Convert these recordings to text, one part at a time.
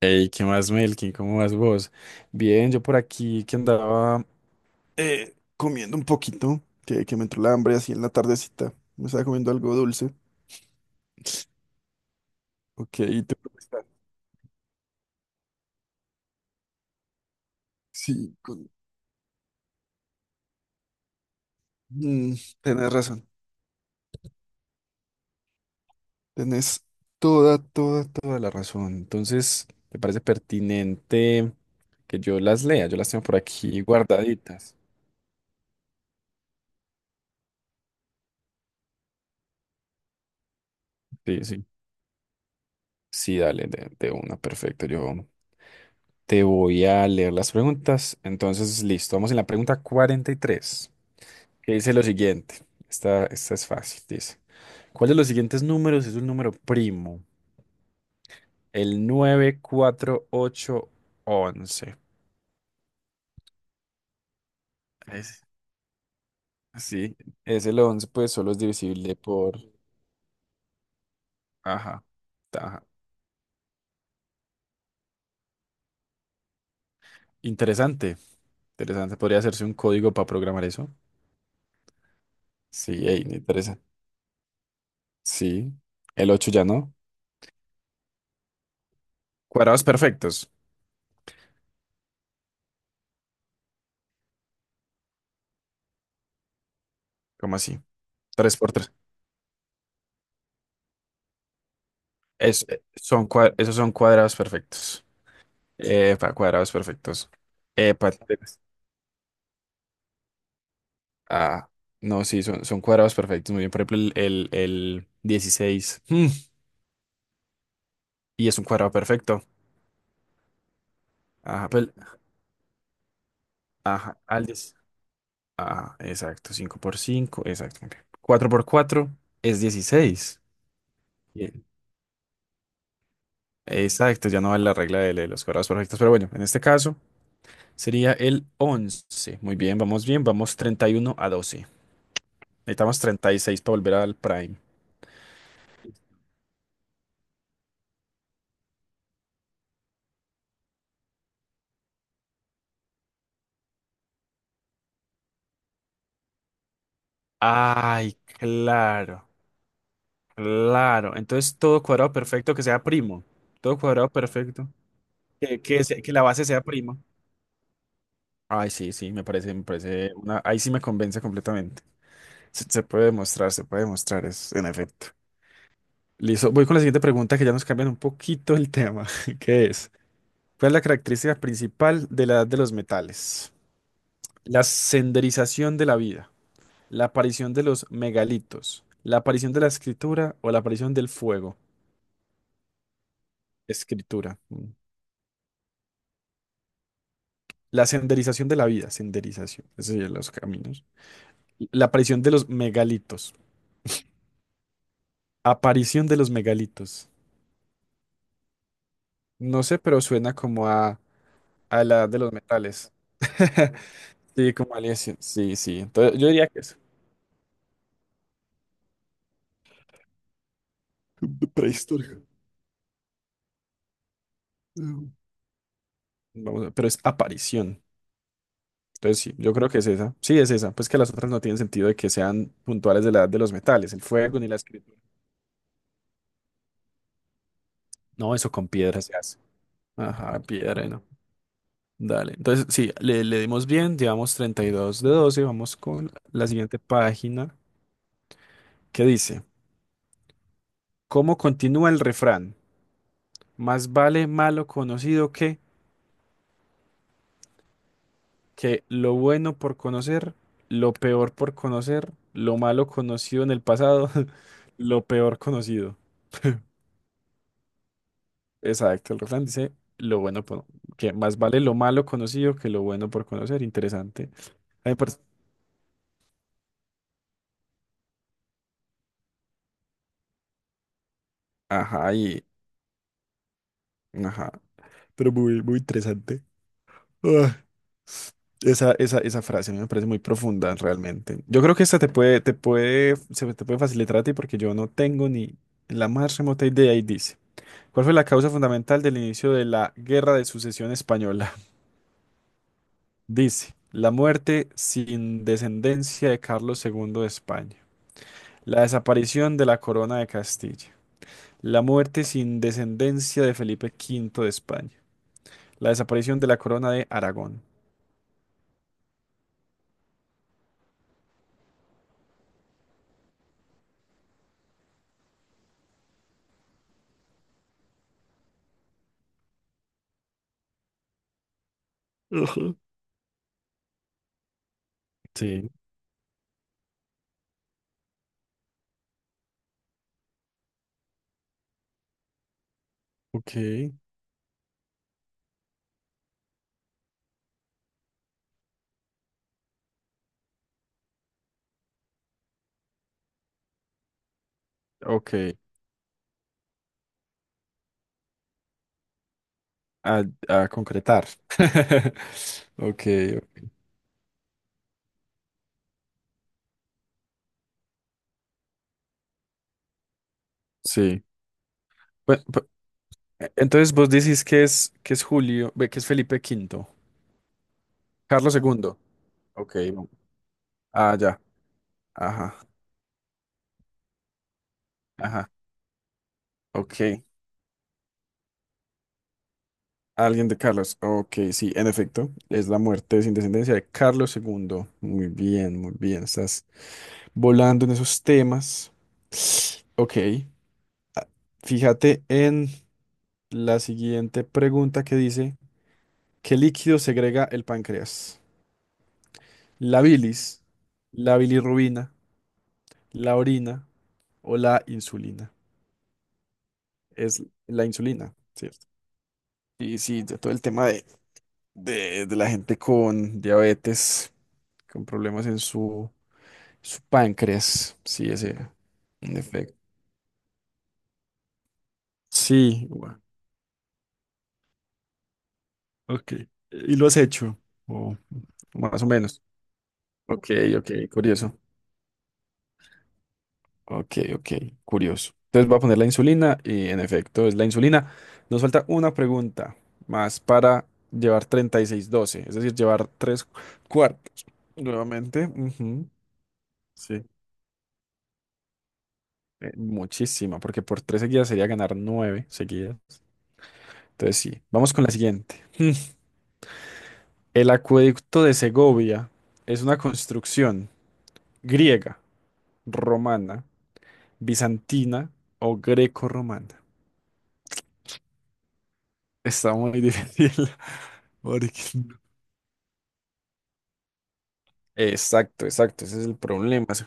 Hey, ¿qué más, Melkin? ¿Cómo vas vos? Bien, yo por aquí que andaba, comiendo un poquito, que me entró la hambre así en la tardecita. Me estaba comiendo algo dulce. Ok, ¿y tú cómo estás? Sí, mm, tenés razón. Tenés toda, toda, toda la razón. Entonces, me parece pertinente que yo las lea. Yo las tengo por aquí guardaditas. Sí, sí. Sí, dale, de una, perfecto. Yo te voy a leer las preguntas. Entonces, listo. Vamos en la pregunta 43, que dice lo siguiente. Esta es fácil. Dice, ¿cuál de los siguientes números es un número primo? El 9, 4, 8, 11. Es- sí, es el 11, pues solo es divisible por... Ajá. Ajá. Interesante. Interesante. ¿Podría hacerse un código para programar eso? Sí, ey, interesante. Sí. El 8 ya no. Cuadrados perfectos. ¿Cómo así? 3 por tres. Esos son cuadrados perfectos. Epa, cuadrados perfectos. Epa, ah, no, sí, son cuadrados perfectos. Muy bien, por ejemplo, el 16, y es un cuadrado perfecto. Ajá, ajá, al diez. Ajá, exacto, 5 por cinco, exacto. Muy bien. 4 por 4 es 16. Bien. Exacto, ya no vale la regla de los cuadrados perfectos, pero bueno, en este caso sería el 11. Muy bien, vamos 31 a 12. Necesitamos 36 para volver al prime. Ay, claro, claro. Entonces todo cuadrado perfecto que sea primo. Todo cuadrado perfecto. Que la base sea prima. Ay, sí, sí, me parece una. Ahí sí me convence completamente. Se puede demostrar, se puede demostrar, es en efecto. Listo, voy con la siguiente pregunta que ya nos cambian un poquito el tema, que es, ¿cuál es la característica principal de la edad de los metales? La senderización de la vida, la aparición de los megalitos, la aparición de la escritura o la aparición del fuego. Escritura. Mm. La senderización de la vida, senderización, eso serían los caminos. La aparición de los megalitos. Aparición de los megalitos. No sé, pero suena como a la de los metales. Sí, como alienación. Sí, sí. Entonces, yo diría que es prehistórica. Mm. Vamos a- ver, pero es aparición. Entonces, sí, yo creo que es esa. Sí, es esa. Pues que las otras no tienen sentido de que sean puntuales de la edad de los metales, el fuego ni la escritura. No, eso con piedra se hace. Ajá, piedra, ¿no? Dale, entonces sí, le dimos bien, llevamos 32 de 12, vamos con la siguiente página que dice, ¿cómo continúa el refrán? Más vale malo conocido que lo bueno por conocer, lo peor por conocer, lo malo conocido en el pasado, lo peor conocido. Exacto, el refrán dice que más vale lo malo conocido que lo bueno por conocer, interesante. A mí me parece- Ajá, y, ajá, pero muy, muy interesante. Ah, Esa frase a mí me parece muy profunda realmente. Yo creo que esta se te puede facilitar a ti porque yo no tengo ni la más remota idea y dice, ¿cuál fue la causa fundamental del inicio de la Guerra de Sucesión Española? Dice, la muerte sin descendencia de Carlos II de España, la desaparición de la corona de Castilla, la muerte sin descendencia de Felipe V de España, la desaparición de la corona de Aragón. Ajá. Sí, ok. Ok, a, a concretar. Ok, sí. Bueno, entonces vos decís que es Julio, ve, que es Felipe V, Carlos II. Ok, no. Ah, ya, ajá, ajá, ok. Alguien de Carlos, ok, sí, en efecto, es la muerte sin descendencia de Carlos Segundo. Muy bien, estás volando en esos temas. Ok, ah, fíjate en la siguiente pregunta que dice, ¿qué líquido segrega el páncreas? La bilis, la bilirrubina, la orina o la insulina. Es la insulina, ¿cierto? Y sí, de todo el tema de la gente con diabetes, con problemas en su páncreas. Sí, ese, en efecto. Sí, bueno, ok. ¿Y lo has hecho? O más o menos. Ok, ok, curioso. Ok, ok, curioso. Entonces voy a poner la insulina y en efecto es la insulina. Nos falta una pregunta más para llevar 36 12, es decir, llevar tres cuartos. Nuevamente, ujú, sí, muchísima, porque por tres seguidas sería ganar nueve seguidas. Entonces sí, vamos con la siguiente. El acueducto de Segovia es una construcción griega, romana, bizantina o greco-romana. Está muy difícil. Porque Exacto, exacto, ese es el problema. Es-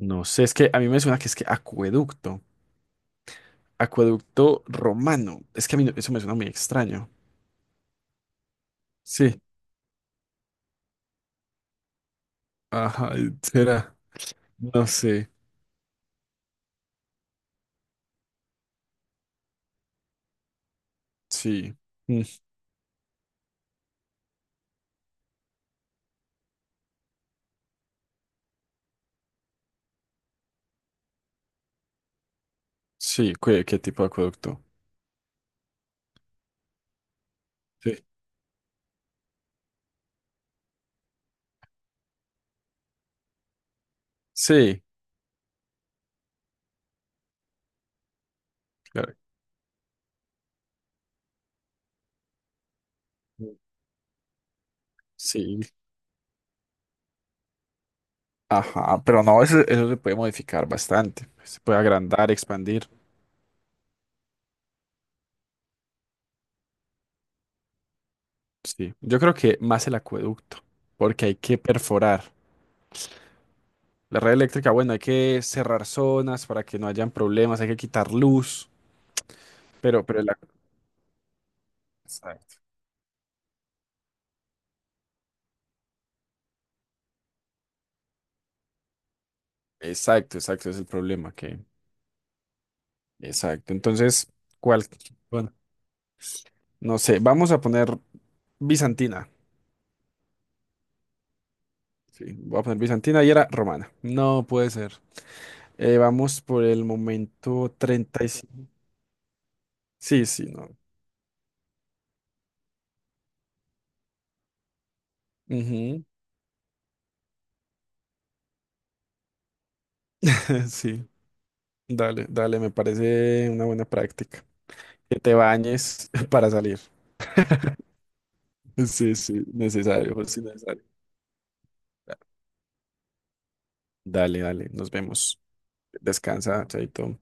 No sé, es que a mí me suena que es que acueducto, acueducto romano. Es que a mí eso me suena muy extraño. Sí, ajá, será. No sé, sí, mm, sí, ¿qué tipo de acueducto? Sí, sí, claro, sí, ajá, pero no, eso se puede modificar bastante. Se puede agrandar, expandir. Sí, yo creo que más el acueducto, porque hay que perforar. La red eléctrica, bueno, hay que cerrar zonas para que no hayan problemas, hay que quitar luz, pero la... Exacto. Exacto, exacto, es el problema que... Exacto, entonces, ¿cuál? Bueno, no sé, vamos a poner bizantina. Sí, voy a poner bizantina y era romana. No puede ser. Vamos por el momento 35. Sí, sí, no. Ujú. Sí, dale, dale, me parece una buena práctica. Que te bañes para salir. Sí, sí, necesario, José, necesario. Dale, dale, nos vemos. Descansa, chaito.